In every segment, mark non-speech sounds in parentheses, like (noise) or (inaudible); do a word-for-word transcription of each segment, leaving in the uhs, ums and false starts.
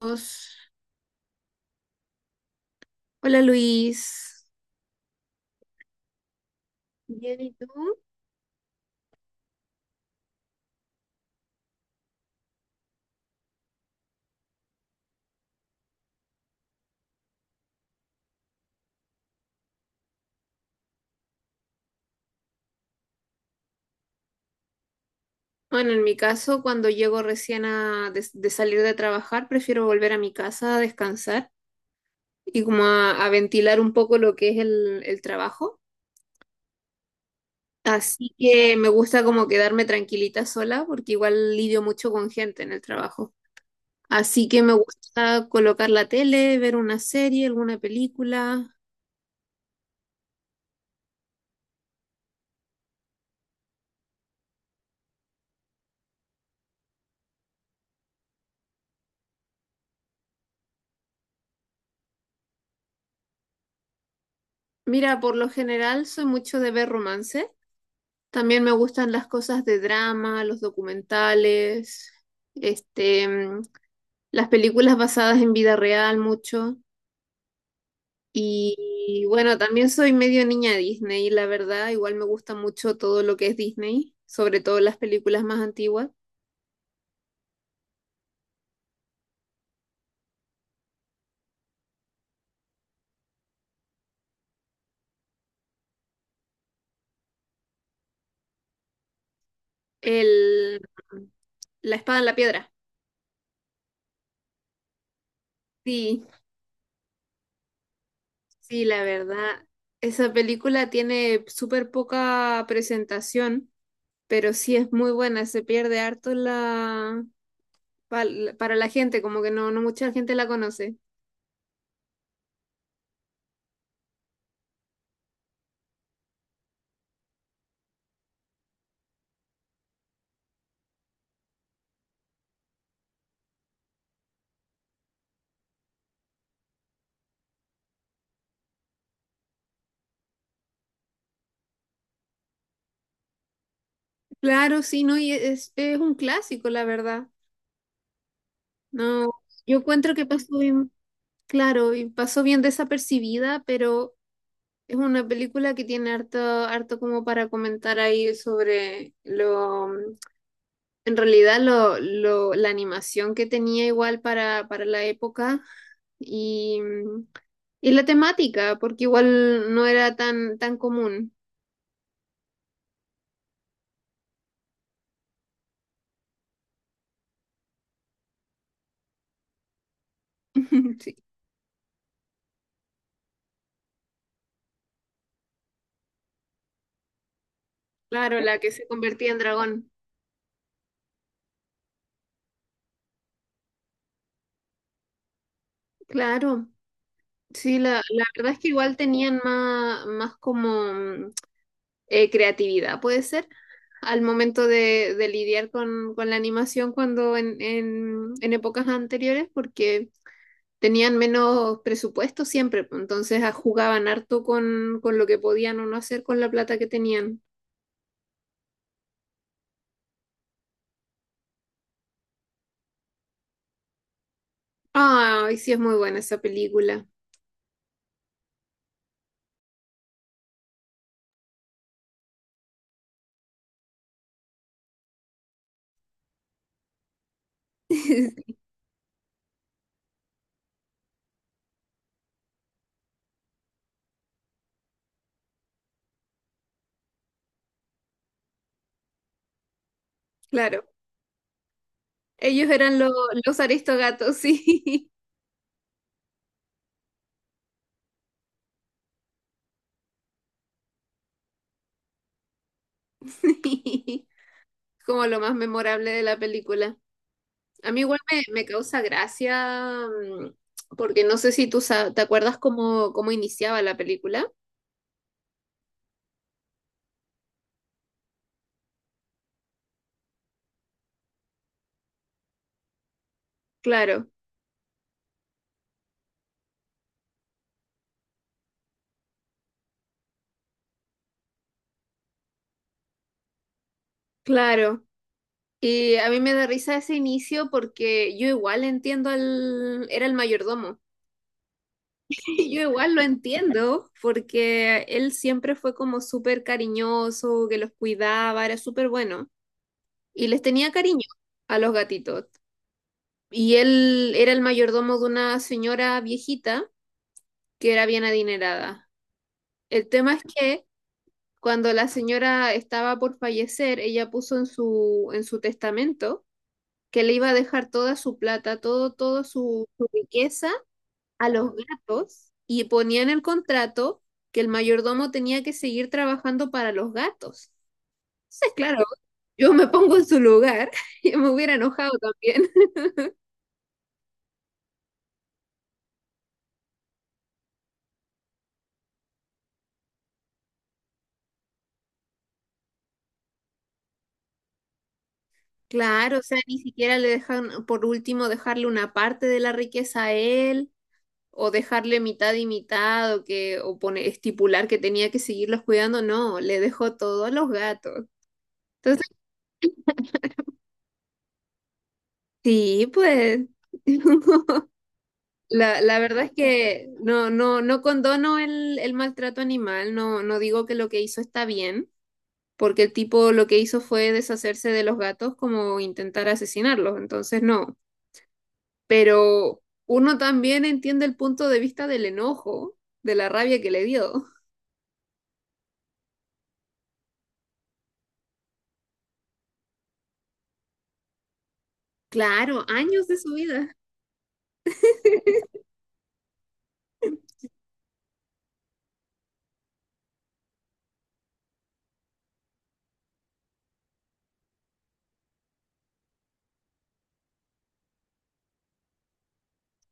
Dios. Hola Luis. Bien, ¿y tú? Bueno, en mi caso, cuando llego recién a, de, de salir de trabajar, prefiero volver a mi casa a descansar y como a, a ventilar un poco lo que es el, el trabajo. Así que me gusta como quedarme tranquilita sola porque igual lidio mucho con gente en el trabajo. Así que me gusta colocar la tele, ver una serie, alguna película. Mira, por lo general soy mucho de ver romances. También me gustan las cosas de drama, los documentales, este, mm, las películas basadas en vida real mucho. Y bueno, también soy medio niña Disney, la verdad, igual me gusta mucho todo lo que es Disney, sobre todo las películas más antiguas. El, mm, La espada en la piedra. Sí, sí, la verdad. Esa película tiene súper poca presentación, pero sí es muy buena, se pierde harto la, pal- para la gente, como que no, no mucha gente la conoce. Claro, sí, no, y es, es un clásico, la verdad. No, yo encuentro que pasó bien, claro, y pasó bien desapercibida, pero es una película que tiene harto, harto como para comentar ahí sobre lo, en realidad lo, lo, la animación que tenía igual para, para la época y, y la temática, porque igual no era tan, tan común. (laughs) sí. Claro, la que se convertía en dragón. Claro. Sí, la, la verdad es que igual tenían más, más como mm, eh, creatividad, puede ser, al momento de, de lidiar con, con la animación cuando en, en, en épocas anteriores, porque tenían menos presupuesto siempre, pues, entonces ah, jugaban harto con, con lo que podían o no hacer con la plata que tenían. Ay, sí es muy buena esa película. (laughs) Claro. Ellos eran lo- los aristogatos, sí. (laughs) Como lo más memorable de la película. A mí igual me, me causa gracia, mm, porque no sé si tú sa- te acuerdas cómo, cómo iniciaba la película. Claro, claro. Y a mí me da risa ese inicio porque yo igual entiendo al... Era el mayordomo. (laughs) Yo igual lo entiendo porque él siempre fue como súper cariñoso, que los cuidaba, era súper bueno. Y les tenía cariño a los gatitos. Y él era el mayordomo de una señora viejita que era bien adinerada. El tema es que cuando la señora estaba por fallecer, ella puso en su, en su testamento que le iba a dejar toda su plata, todo, todo su, su riqueza a los gatos, y ponía en el contrato que el mayordomo tenía que seguir trabajando para los gatos. Entonces, claro, yo me pongo en su lugar (laughs) y me hubiera enojado también. (laughs) Claro, o sea, ni siquiera le dejan, por último, dejarle una parte de la riqueza a él o dejarle mitad y mitad, o que o pone, estipular que tenía que seguirlos cuidando. No, le dejó todo a los gatos. Entonces, sí, pues (laughs) la, la verdad es que no no no condono el, el maltrato animal, no no digo que lo que hizo está bien, porque el tipo lo que hizo fue deshacerse de los gatos, como intentar asesinarlos. Entonces no, pero uno también entiende el punto de vista del enojo, de la rabia que le dio. Claro, años de su vida.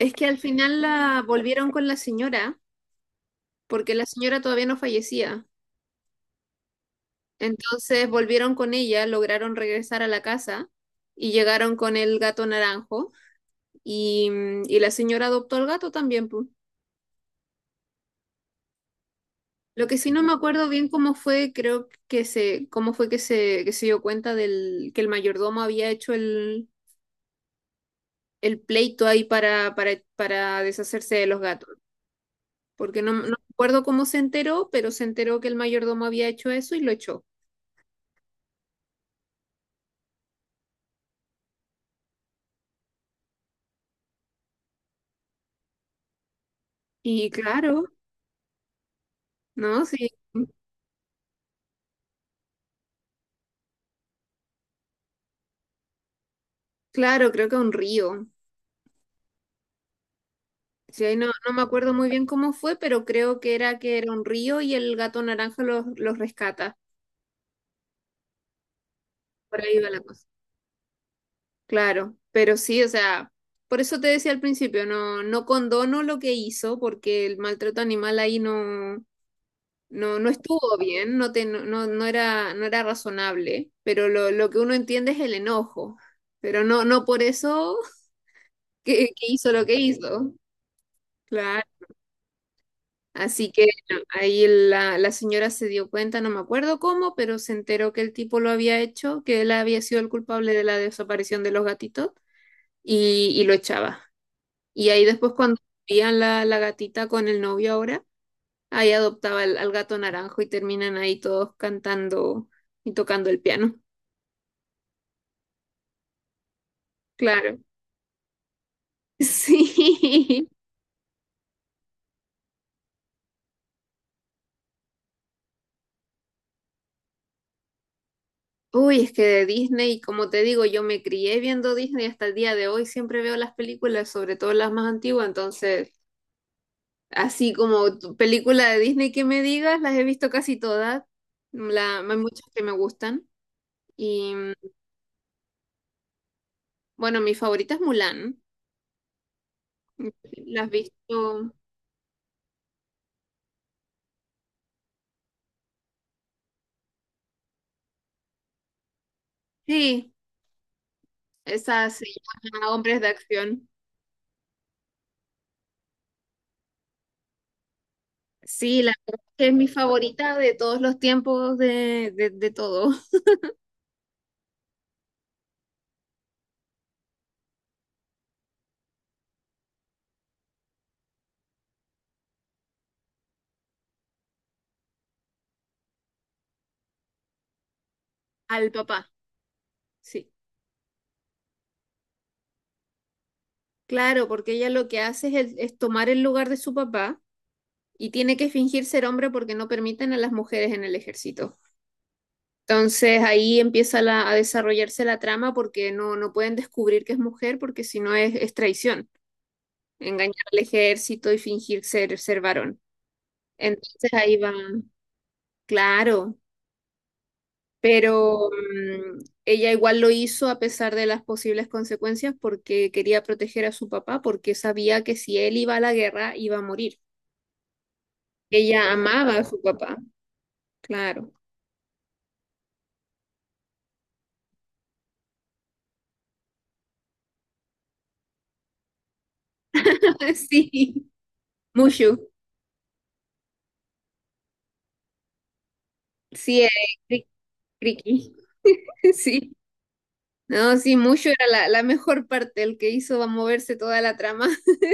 Es que al final la volvieron con la señora, porque la señora todavía no fallecía. Entonces volvieron con ella, lograron regresar a la casa y llegaron con el gato naranjo y, mm, y la señora adoptó al gato también, pu. Lo que sí no me acuerdo bien cómo fue, creo que se, cómo fue que se, que se dio cuenta del, que el mayordomo había hecho el, el pleito ahí para, para, para deshacerse de los gatos. Porque no, no me acuerdo cómo se enteró, pero se enteró que el mayordomo había hecho eso y lo echó. Y claro, ¿no? Sí, claro, creo que un río. Sí, ahí no, no me acuerdo muy bien cómo fue, pero creo que era que era un río y el gato naranja los, los rescata. Por ahí va la cosa. Claro, pero sí, o sea, por eso te decía al principio, no, no condono lo que hizo, porque el maltrato animal ahí no, no, no estuvo bien. No, te, no, no, no era, no era razonable, pero lo, lo que uno entiende es el enojo, pero no, no por eso (laughs) que, que hizo lo que hizo. Claro. Así que no, ahí la, la señora se dio cuenta, no me acuerdo cómo, pero se enteró que el tipo lo había hecho, que él había sido el culpable de la desaparición de los gatitos y, y lo echaba. Y ahí después cuando veían la, la gatita con el novio ahora, ahí adoptaba al, al gato naranjo y terminan ahí todos cantando y tocando el piano. Claro. (laughs) Sí. Uy, es que de Disney, como te digo, yo me crié viendo Disney hasta el día de hoy, siempre veo las películas, sobre todo las más antiguas, entonces... Así como tu película de Disney que me digas, las he visto casi todas. La, hay muchas que me gustan. Y mm, bueno, mi favorita es Mulan. La has visto. Sí, esa se llama Hombres de Acción. Sí, la verdad es que es mi favorita de todos los tiempos, de, de, de todo. (laughs) Al papá, sí. Claro, porque ella lo que hace es, el- es tomar el lugar de su papá y tiene que fingir ser hombre porque no permiten a las mujeres en el ejército. Entonces ahí empieza la- a desarrollarse la trama porque no, no pueden descubrir que es mujer porque si no es, es traición, engañar al ejército y fingir ser, ser varón. Entonces ahí va, claro, pero mm, ella igual lo hizo a pesar de las posibles consecuencias porque quería proteger a su papá porque sabía que si él iba a la guerra iba a morir. Ella amaba a su papá, claro. (laughs) Sí, Mushu, sí, es cri- Criqui, (laughs) sí. No, sí, mucho era la, la mejor parte, el que hizo va a moverse toda la trama. (laughs)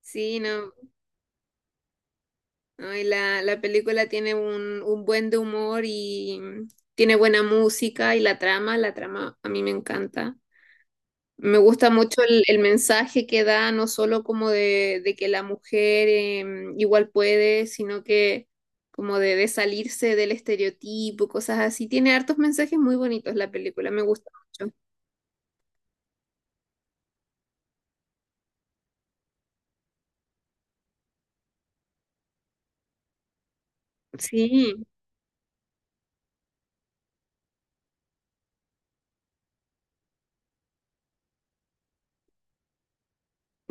Sí, no, no, y la, la película tiene un, un buen de humor y mm, tiene buena música y la trama, la trama a mí me encanta. Me gusta mucho el, el mensaje que da, no solo como de, de que la mujer em, igual puede, sino que como de, de salirse del estereotipo, cosas así. Tiene hartos mensajes muy bonitos la película, me gusta mucho. Sí.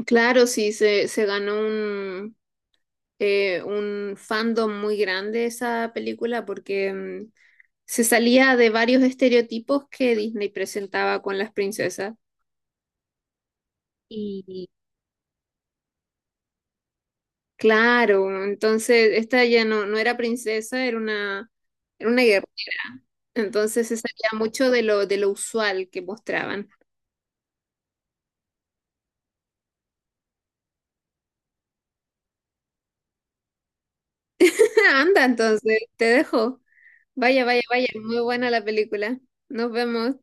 Claro, sí, se, se ganó un, eh, un fandom muy grande esa película porque mm, se salía de varios estereotipos que Disney presentaba con las princesas. Y claro, entonces esta ya no, no era princesa, era una, era una guerra. Entonces se salía mucho de lo, de lo usual que mostraban. (laughs) Anda, entonces, te dejo. Vaya, vaya, vaya, muy buena la película. Nos vemos.